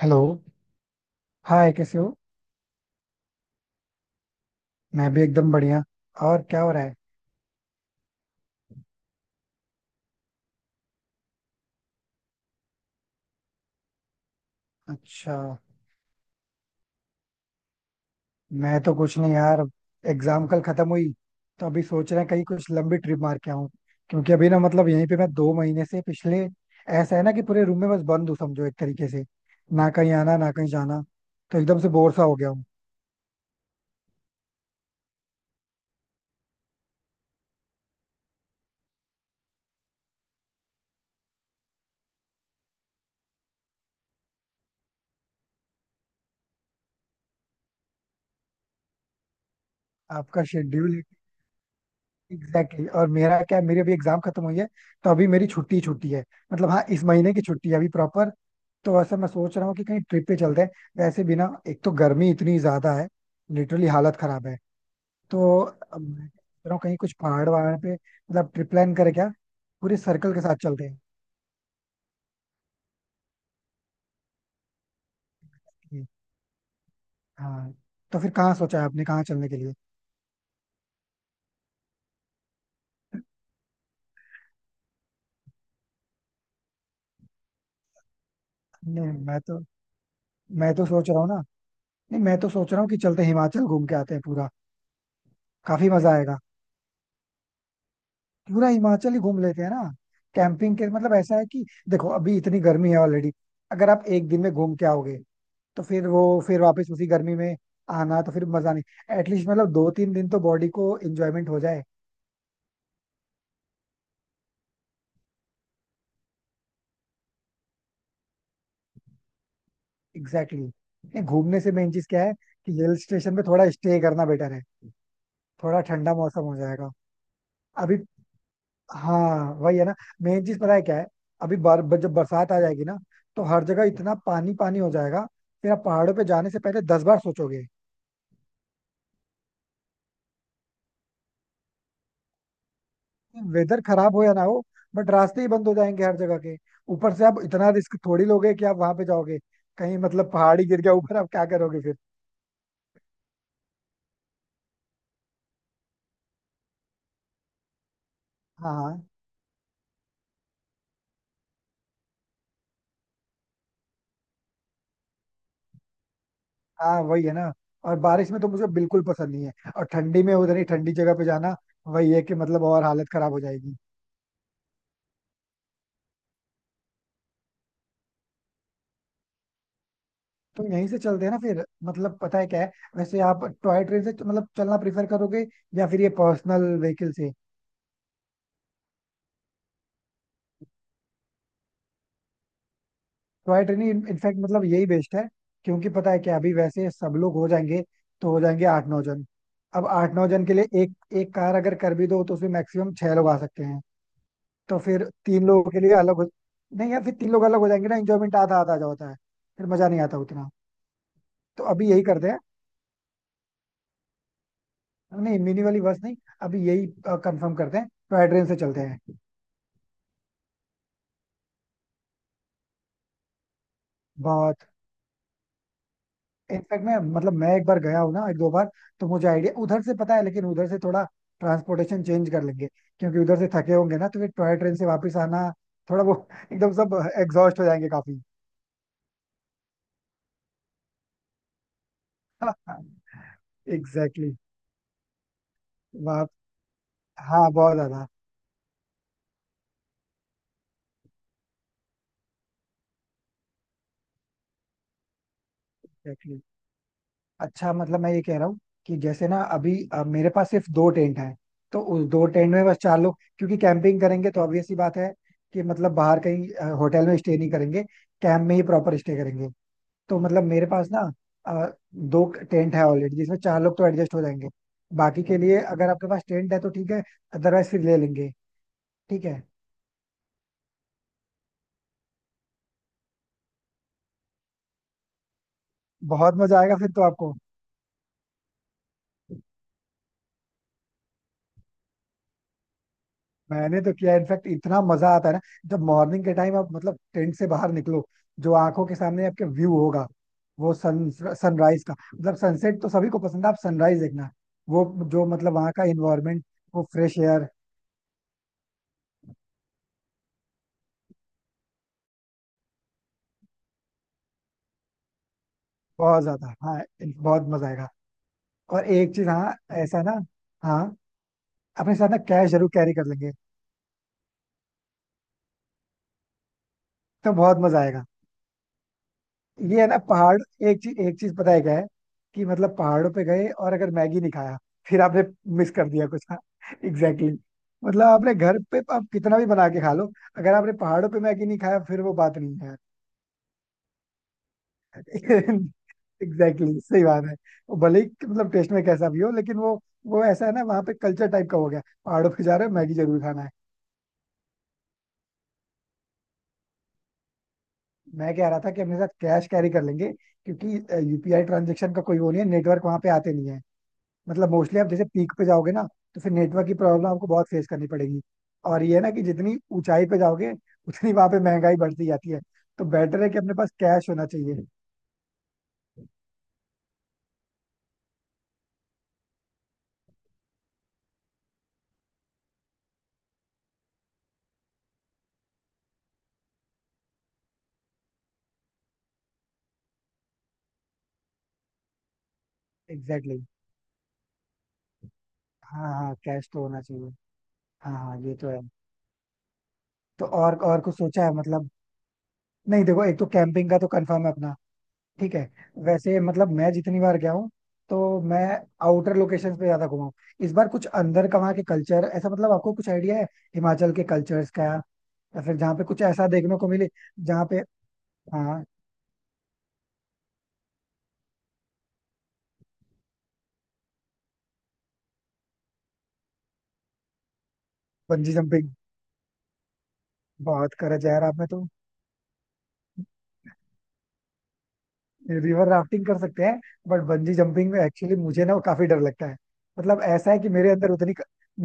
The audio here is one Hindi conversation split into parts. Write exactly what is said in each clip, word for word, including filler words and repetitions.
हेलो. हाय, कैसे हो. मैं भी एकदम बढ़िया. और क्या हो रहा है. अच्छा. मैं तो कुछ नहीं यार. एग्जाम कल खत्म हुई. तो अभी सोच रहे हैं कहीं कुछ लंबी ट्रिप मार के आऊं. क्योंकि अभी ना मतलब यहीं पे मैं दो महीने से पिछले, ऐसा है ना कि पूरे रूम में बस बंद हूँ समझो एक तरीके से. ना कहीं आना, ना कहीं जाना. तो एकदम से बोर सा हो गया हूँ. आपका शेड्यूल. एग्जैक्टली. और मेरा क्या है, मेरी अभी एग्जाम खत्म हुई है. तो अभी मेरी छुट्टी छुट्टी है. मतलब हाँ, इस महीने की छुट्टी है अभी प्रॉपर. तो वैसे मैं सोच रहा हूँ कि कहीं ट्रिप पे चलते हैं. वैसे भी ना एक तो गर्मी इतनी ज्यादा है. लिटरली हालत खराब है. तो अब मैं सोच रहा हूँ कहीं कुछ पहाड़ वहाड़ पे मतलब ट्रिप प्लान करें क्या. पूरे सर्कल के साथ चलते हैं. ठीक, हाँ. तो फिर कहाँ सोचा है आपने, कहाँ चलने के लिए. नहीं, मैं तो मैं तो सोच रहा हूँ ना. नहीं, मैं तो सोच रहा हूँ कि चलते हैं, हिमाचल घूम के आते हैं पूरा. काफी मजा आएगा. पूरा हिमाचल ही घूम लेते हैं ना. कैंपिंग के मतलब ऐसा है कि देखो, अभी इतनी गर्मी है ऑलरेडी. अगर आप एक दिन में घूम के आओगे, तो फिर वो, फिर वापस उसी गर्मी में आना, तो फिर मजा नहीं. एटलीस्ट मतलब दो तीन दिन तो बॉडी को एंजॉयमेंट हो जाए. Exactly exactly. नहीं, घूमने से मेन चीज क्या है, कि हिल स्टेशन पे थोड़ा स्टे करना बेटर है. थोड़ा ठंडा मौसम हो जाएगा. अभी. हाँ, वही है ना. मेन चीज पता है क्या है, अभी बर, बर, जब बरसात आ जाएगी ना, तो हर जगह इतना पानी पानी हो जाएगा. फिर आप पहाड़ों पे जाने से पहले दस बार सोचोगे. वेदर खराब हो या ना हो, बट रास्ते ही बंद हो जाएंगे हर जगह के. ऊपर से आप इतना रिस्क थोड़ी लोगे कि आप वहां पे जाओगे. कहीं मतलब पहाड़ी गिर गया ऊपर, आप क्या करोगे फिर. हाँ, हाँ. हाँ, वही है ना. और बारिश में तो मुझे बिल्कुल पसंद नहीं है, और ठंडी में उधर ही ठंडी जगह पे जाना, वही है कि मतलब और हालत खराब हो जाएगी. तो यहीं से चलते हैं ना फिर, मतलब पता है क्या है, वैसे आप टॉय ट्रेन से मतलब चलना प्रेफर करोगे, या फिर ये पर्सनल व्हीकल से. टॉय ट्रेन, इनफैक्ट मतलब यही बेस्ट है. क्योंकि पता है क्या, अभी वैसे सब लोग हो जाएंगे. तो हो जाएंगे आठ नौ जन. अब आठ नौ जन के लिए एक, एक कार अगर कर भी दो, तो उसमें मैक्सिमम छह लोग आ सकते हैं. तो फिर तीन लोगों के लिए अलग हो. नहीं यार, फिर तीन लोग अलग हो जाएंगे ना, इंजॉयमेंट आधा आधा जा होता है. फिर मजा नहीं आता उतना. तो अभी यही करते हैं. नहीं, मिनी वाली बस नहीं. अभी यही कंफर्म करते हैं, टॉय ट्रेन से चलते हैं. बहुत. इनफैक्ट मैं मतलब मैं एक बार गया हूँ ना, एक दो बार. तो मुझे आइडिया उधर से पता है, लेकिन उधर से थोड़ा ट्रांसपोर्टेशन चेंज कर लेंगे. क्योंकि उधर से थके होंगे ना, तो फिर टॉय ट्रेन से वापस आना, थोड़ा वो एकदम सब एग्जॉस्ट हो जाएंगे काफी. एग्जैक्टली. वहाँ. हाँ, बहुत ज्यादा. एग्जैक्टली. अच्छा मतलब मैं ये कह रहा हूँ कि जैसे ना अभी अ, मेरे पास सिर्फ दो टेंट है. तो उस दो टेंट में बस चार लोग, क्योंकि कैंपिंग करेंगे तो ऑब्वियस सी बात है, कि मतलब बाहर कहीं होटल में स्टे नहीं करेंगे. कैंप में ही प्रॉपर स्टे करेंगे. तो मतलब मेरे पास ना अ, दो टेंट है ऑलरेडी, जिसमें चार लोग तो एडजस्ट हो जाएंगे. बाकी के लिए अगर आपके पास टेंट है तो ठीक है, अदरवाइज फिर ले लेंगे. ठीक है. बहुत मजा आएगा फिर तो आपको. मैंने तो किया, इनफैक्ट इतना मजा आता है ना. जब मॉर्निंग के टाइम आप मतलब टेंट से बाहर निकलो, जो आंखों के सामने आपके व्यू होगा, वो सन सनराइज का मतलब सनसेट तो सभी को पसंद है, आप सनराइज देखना. वो, जो मतलब वहाँ का इन्वायरमेंट, वो फ्रेश एयर. बहुत ज्यादा. हाँ, बहुत मजा आएगा. और एक चीज, हाँ, ऐसा ना, हाँ, अपने साथ ना कैश जरूर कैरी कर लेंगे, तो बहुत मजा आएगा. ये है ना पहाड़, एक चीज एक चीज पता है क्या है, कि मतलब पहाड़ों पे गए और अगर मैगी नहीं खाया, फिर आपने मिस कर दिया कुछ ना. Exactly exactly. मतलब आपने घर पे आप कितना भी बना के खा लो, अगर आपने पहाड़ों पे मैगी नहीं खाया, फिर वो बात नहीं है. एग्जैक्टली exactly, सही बात है. वो भले ही मतलब टेस्ट में कैसा भी हो, लेकिन वो वो ऐसा है ना वहाँ पे, कल्चर टाइप का हो गया, पहाड़ों पे जा रहे हो मैगी जरूर खाना है. मैं कह रहा था कि अपने साथ कैश कैरी कर लेंगे, क्योंकि यूपीआई ट्रांजेक्शन का कोई वो नहीं है, नेटवर्क वहां पे आते नहीं है. मतलब मोस्टली आप जैसे पीक पे जाओगे ना, तो फिर नेटवर्क की प्रॉब्लम आपको बहुत फेस करनी पड़ेगी. और ये है ना कि जितनी ऊंचाई पे जाओगे, उतनी वहां पे महंगाई बढ़ती जाती है. तो बेटर है कि अपने पास कैश होना चाहिए. Exactly exactly. हाँ हाँ, कैश तो होना चाहिए. हाँ हाँ, ये तो है. तो और और कुछ सोचा है मतलब. नहीं देखो, एक तो कैंपिंग का तो कंफर्म है अपना. ठीक है. वैसे मतलब मैं जितनी बार गया हूँ, तो मैं आउटर लोकेशंस पे ज्यादा घुमा हूँ. इस बार कुछ अंदर का वहाँ के कल्चर ऐसा, मतलब आपको कुछ आइडिया है, हिमाचल के कल्चर्स का. या फिर जहाँ पे कुछ ऐसा देखने को मिले, जहाँ पे. हाँ. Bungee jumping. बहुत करे जा रहा आपने तो. रिवर राफ्टिंग कर सकते हैं. बट बंजी जंपिंग में एक्चुअली मुझे ना काफी डर लगता है. मतलब ऐसा है कि मेरे अंदर उतनी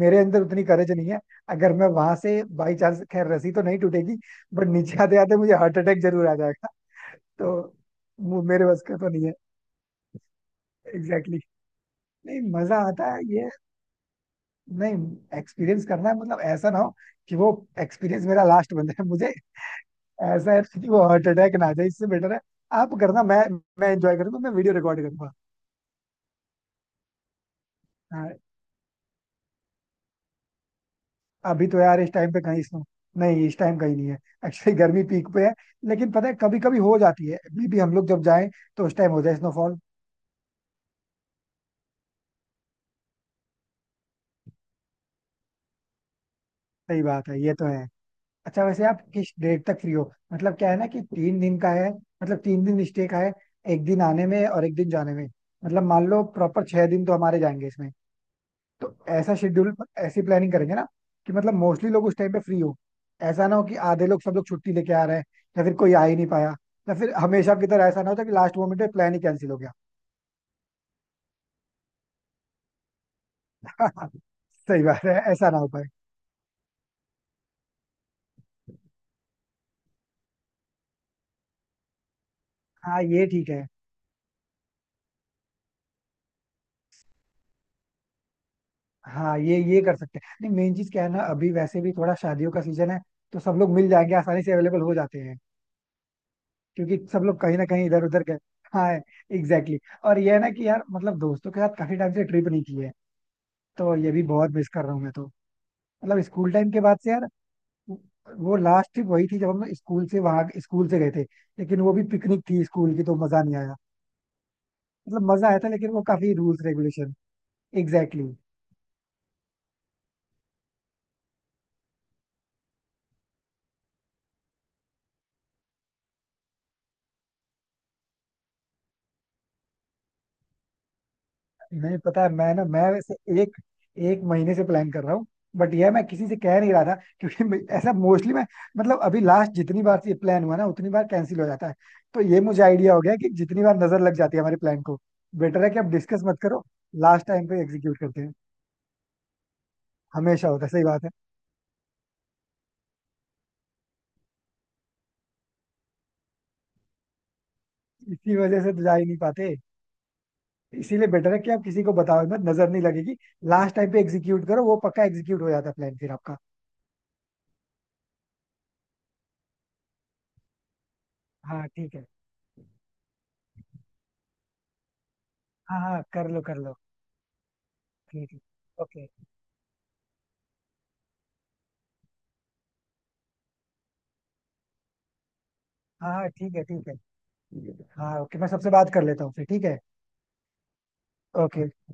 मेरे अंदर उतनी करेज नहीं है. अगर मैं वहां से बाई चांस खैर, रस्सी तो नहीं टूटेगी, बट नीचे आते आते मुझे हार्ट अटैक जरूर आ जाएगा. तो वो मेरे बस का तो नहीं है. Exactly exactly. नहीं मजा आता है ये, नहीं एक्सपीरियंस करना है, मतलब ऐसा ना हो कि वो एक्सपीरियंस मेरा लास्ट बन जाए मुझे. ऐसा है कि वो हार्ट अटैक ना आ जाए, इससे बेटर है आप करना, मैं मैं एंजॉय करूंगा, मैं वीडियो रिकॉर्ड करूंगा. हाँ, अभी तो यार इस टाइम पे कहीं snow- नहीं, इस टाइम कहीं नहीं है. एक्चुअली गर्मी पीक पे है. लेकिन पता है कभी कभी हो जाती है, मे बी हम लोग जब जाएं, तो उस टाइम हो जाए स्नोफॉल. सही बात है, ये तो है. अच्छा वैसे आप किस डेट तक फ्री हो. मतलब क्या है ना कि तीन दिन का है, मतलब तीन दिन स्टे का है, एक दिन आने में और एक दिन जाने में. मतलब मान लो प्रॉपर छह दिन तो हमारे जाएंगे इसमें. तो ऐसा शेड्यूल, ऐसी प्लानिंग करेंगे ना, कि मतलब मोस्टली लोग उस टाइम पे फ्री हो. ऐसा ना हो कि आधे लोग, सब लोग छुट्टी लेके आ रहे हैं, या फिर कोई आ ही नहीं पाया, या फिर हमेशा की तरह ऐसा ना होता कि लास्ट मोमेंट पे प्लान ही कैंसिल हो गया. सही बात है, ऐसा ना हो पाए. हाँ, ये ठीक है. हाँ ये ये कर सकते हैं, नहीं मेन चीज क्या है ना, अभी वैसे भी थोड़ा शादियों का सीजन है, तो सब लोग मिल जाएंगे, आसानी से अवेलेबल हो जाते हैं. क्योंकि सब लोग कहीं ना कहीं इधर उधर गए. हाँ एग्जैक्टली exactly. और ये है ना कि यार मतलब दोस्तों के साथ काफी टाइम से ट्रिप नहीं की है. तो ये भी बहुत मिस कर रहा हूँ मैं तो. मतलब स्कूल टाइम के बाद से यार, वो लास्ट ट्रिप वही थी जब हम स्कूल से, वहां स्कूल से गए थे. लेकिन वो भी पिकनिक थी स्कूल की, तो मजा नहीं आया. मतलब मजा आया था, लेकिन वो काफी रूल्स रेगुलेशन. एग्जैक्टली. नहीं, पता है मैं ना, मैं वैसे एक एक महीने से प्लान कर रहा हूँ, बट यह मैं किसी से कह नहीं रहा था. क्योंकि मैं- ऐसा मोस्टली मैं मतलब, अभी लास्ट जितनी बार से प्लान हुआ ना, उतनी बार कैंसिल हो जाता है. तो ये मुझे आइडिया हो गया कि जितनी बार नजर लग जाती है हमारे प्लान को, बेटर है कि आप डिस्कस मत करो, लास्ट टाइम पे एग्जीक्यूट करते हैं. हमेशा होता है, सही बात है. इसी वजह से तो जा ही नहीं पाते. इसीलिए बेटर है कि आप किसी को बताओ मत, नजर नहीं लगेगी. लास्ट टाइम पे एग्जीक्यूट करो, वो पक्का एग्जीक्यूट हो जाता है प्लान फिर आपका. हाँ ठीक है. हाँ हाँ, कर लो कर लो. ठीक है. ओके. हाँ हाँ ठीक है ठीक है. ठीक है. हाँ ओके, मैं सबसे बात कर लेता हूँ फिर, ठीक है. ओके. बाय.